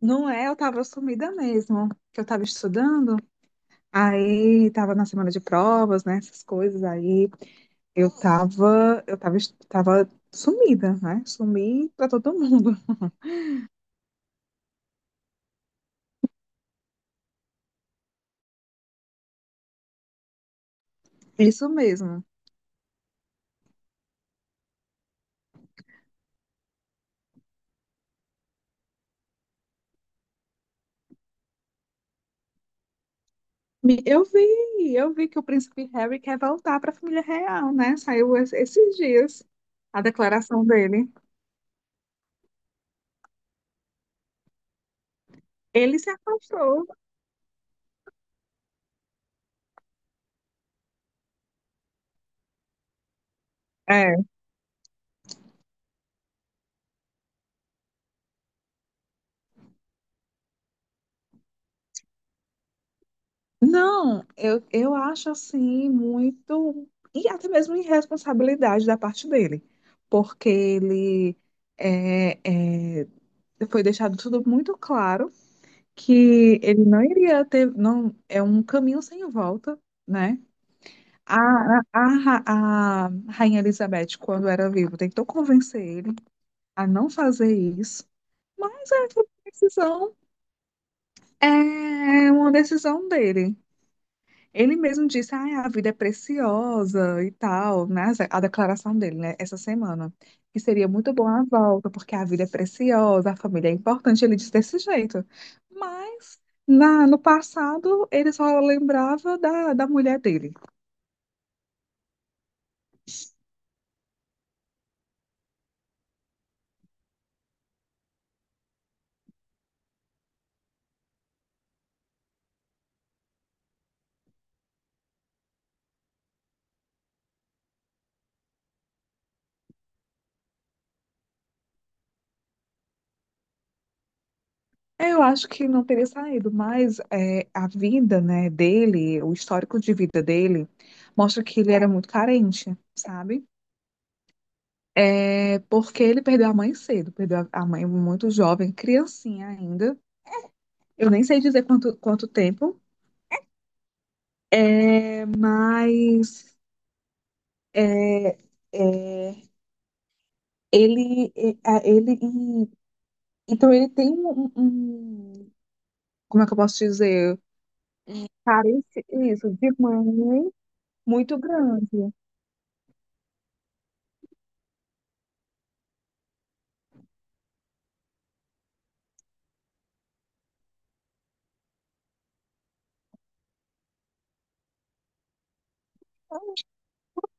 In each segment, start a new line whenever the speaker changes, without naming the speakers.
Não é, eu tava sumida mesmo, que eu tava estudando, aí tava na semana de provas, né, essas coisas, aí tava sumida, né, sumi pra todo mundo, isso mesmo. Eu vi que o príncipe Harry quer voltar pra família real, né, saiu esses dias a declaração dele. Ele se afastou. Não, eu acho assim muito. E até mesmo irresponsabilidade da parte dele, porque ele é, é, foi deixado tudo muito claro que ele não iria ter. Não, é um caminho sem volta, né? A Rainha Elizabeth, quando era viva, tentou convencer ele a não fazer isso, mas essa decisão é uma decisão dele. Ele mesmo disse, ah, a vida é preciosa e tal, né? A declaração dele, né? Essa semana. Que seria muito bom a volta, porque a vida é preciosa, a família é importante. Ele disse desse jeito. Mas no passado, ele só lembrava da mulher dele. Eu acho que não teria saído, mas é, a vida, né, dele, o histórico de vida dele, mostra que ele era muito carente, sabe? É porque ele perdeu a mãe cedo, perdeu a mãe muito jovem, criancinha ainda. Eu nem sei dizer quanto tempo, é, mas é, é, ele, é, a- ele, e- então ele tem como é que eu posso dizer? Carência, isso, de mãe muito grande.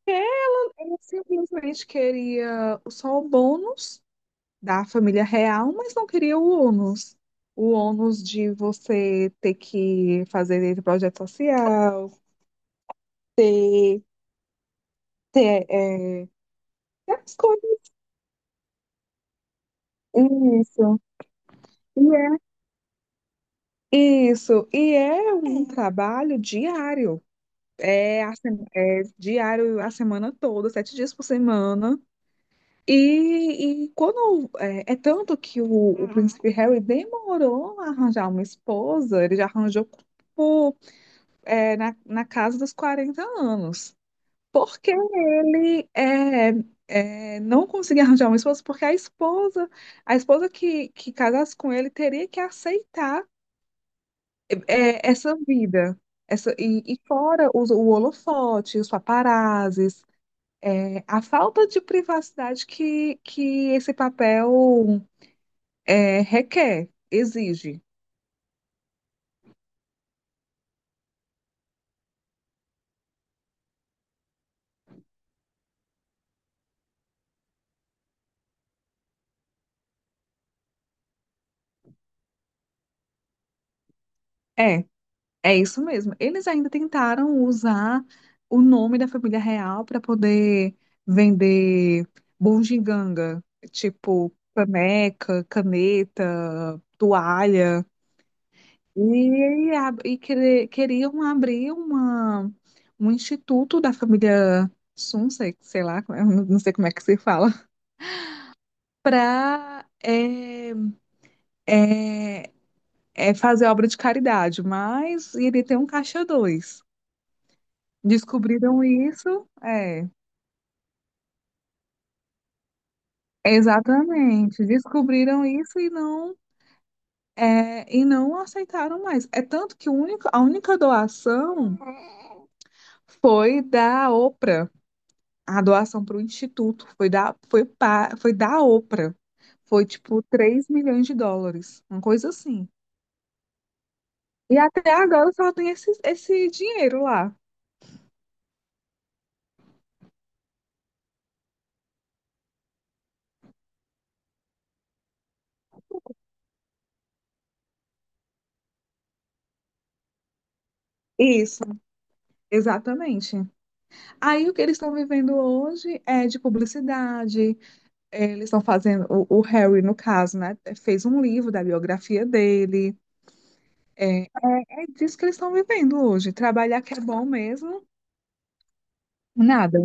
É, Ele simplesmente queria só o bônus da família real, mas não queria o ônus. O ônus de você ter que fazer esse projeto social, ter, ter, é, as coisas. Isso. E é- Isso, e é um trabalho diário, é, a se- é diário a semana toda, 7 dias por semana. E é tanto que o príncipe Harry demorou a arranjar uma esposa, ele já arranjou na casa dos 40 anos. Porque ele não conseguia arranjar uma esposa, porque a esposa que casasse com ele teria que aceitar essa vida. E fora o holofote, os paparazzis, a falta de privacidade que esse papel requer, exige. É. É isso mesmo. Eles ainda tentaram usar o nome da família real para poder vender bugiganga, tipo caneca, caneta, toalha. E queriam abrir um instituto da família Sunsex, sei lá, como é- não sei como é que se fala, para é fazer obra de caridade, mas iria ter um caixa dois. Descobriram isso, exatamente. Descobriram isso e não aceitaram mais. É tanto que o único, a única doação foi da Oprah. A doação para o instituto foi da Oprah. Foi tipo US$ 3 milhões, uma coisa assim. E até agora só tem esse dinheiro lá. Isso, exatamente. Aí o que eles estão vivendo hoje é de publicidade. Eles estão fazendo, o Harry, no caso, né, fez um livro da biografia dele. É, é disso que eles estão vivendo hoje. Trabalhar que é bom mesmo, nada.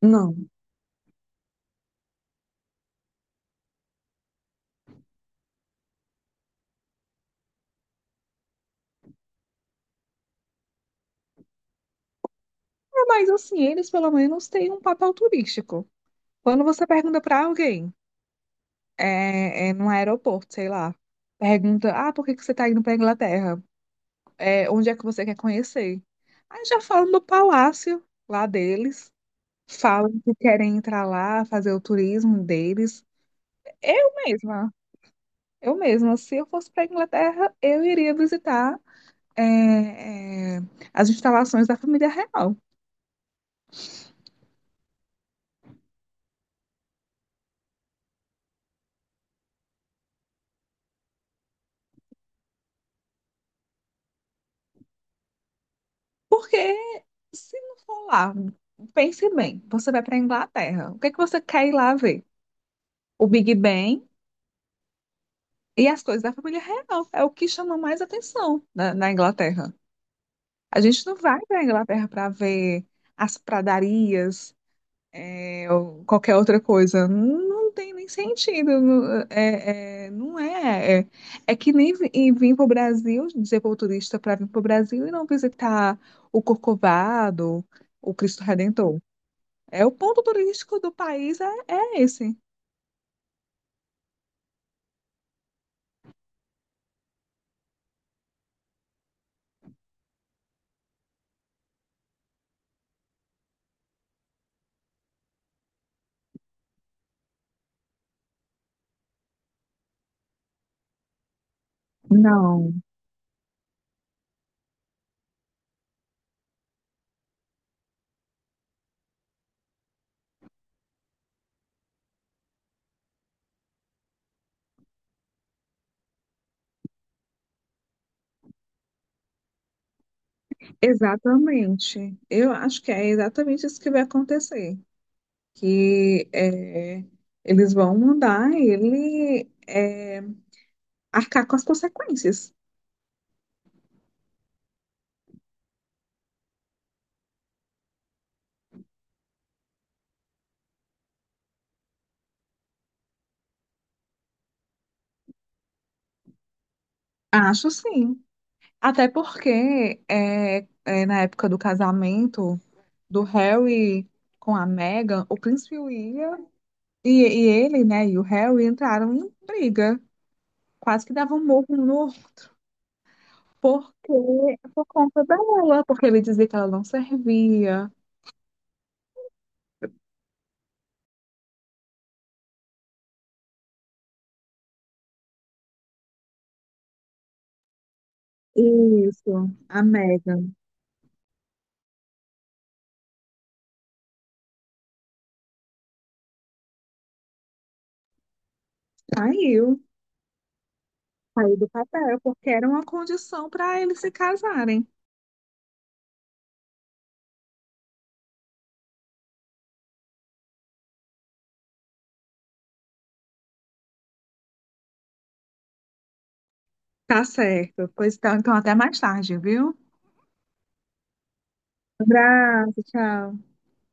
Não. É, mas assim, eles pelo menos têm um papel turístico. Quando você pergunta para alguém, num aeroporto, sei lá, pergunta, ah, por que que você está indo para Inglaterra? Onde é que você quer conhecer? Aí já falam do palácio lá deles, falam que querem entrar lá, fazer o turismo deles. Eu mesma. Eu mesma, se eu fosse para a Inglaterra, eu iria visitar é, é, as instalações da família real. Porque se não for lá, pense bem, você vai para a Inglaterra, o que é que você quer ir lá ver? O Big Ben e as coisas da família real. É o que chama mais atenção na Inglaterra. A gente não vai para a Inglaterra para ver as pradarias, ou qualquer outra coisa. Não, não tem nem sentido. Não é. É que nem vir para o Brasil, dizer para o turista para vir para o Brasil e não visitar o Corcovado, o Cristo Redentor. É o ponto turístico do país, é esse. Não, exatamente. Eu acho que é exatamente isso que vai acontecer. Que é, Eles vão mandar ele arcar com as consequências. Acho sim. Até porque na época do casamento do Harry com a Meghan, o príncipe William e ele, né, e o Harry entraram em briga, quase que davam um murro um no outro, porque por conta dela, porque ele dizia que ela não servia. Isso, a Meghan saiu, saiu do papel, porque era uma condição para eles se casarem. Tá certo. Pois então, então até mais tarde, viu? Abraço, tchau.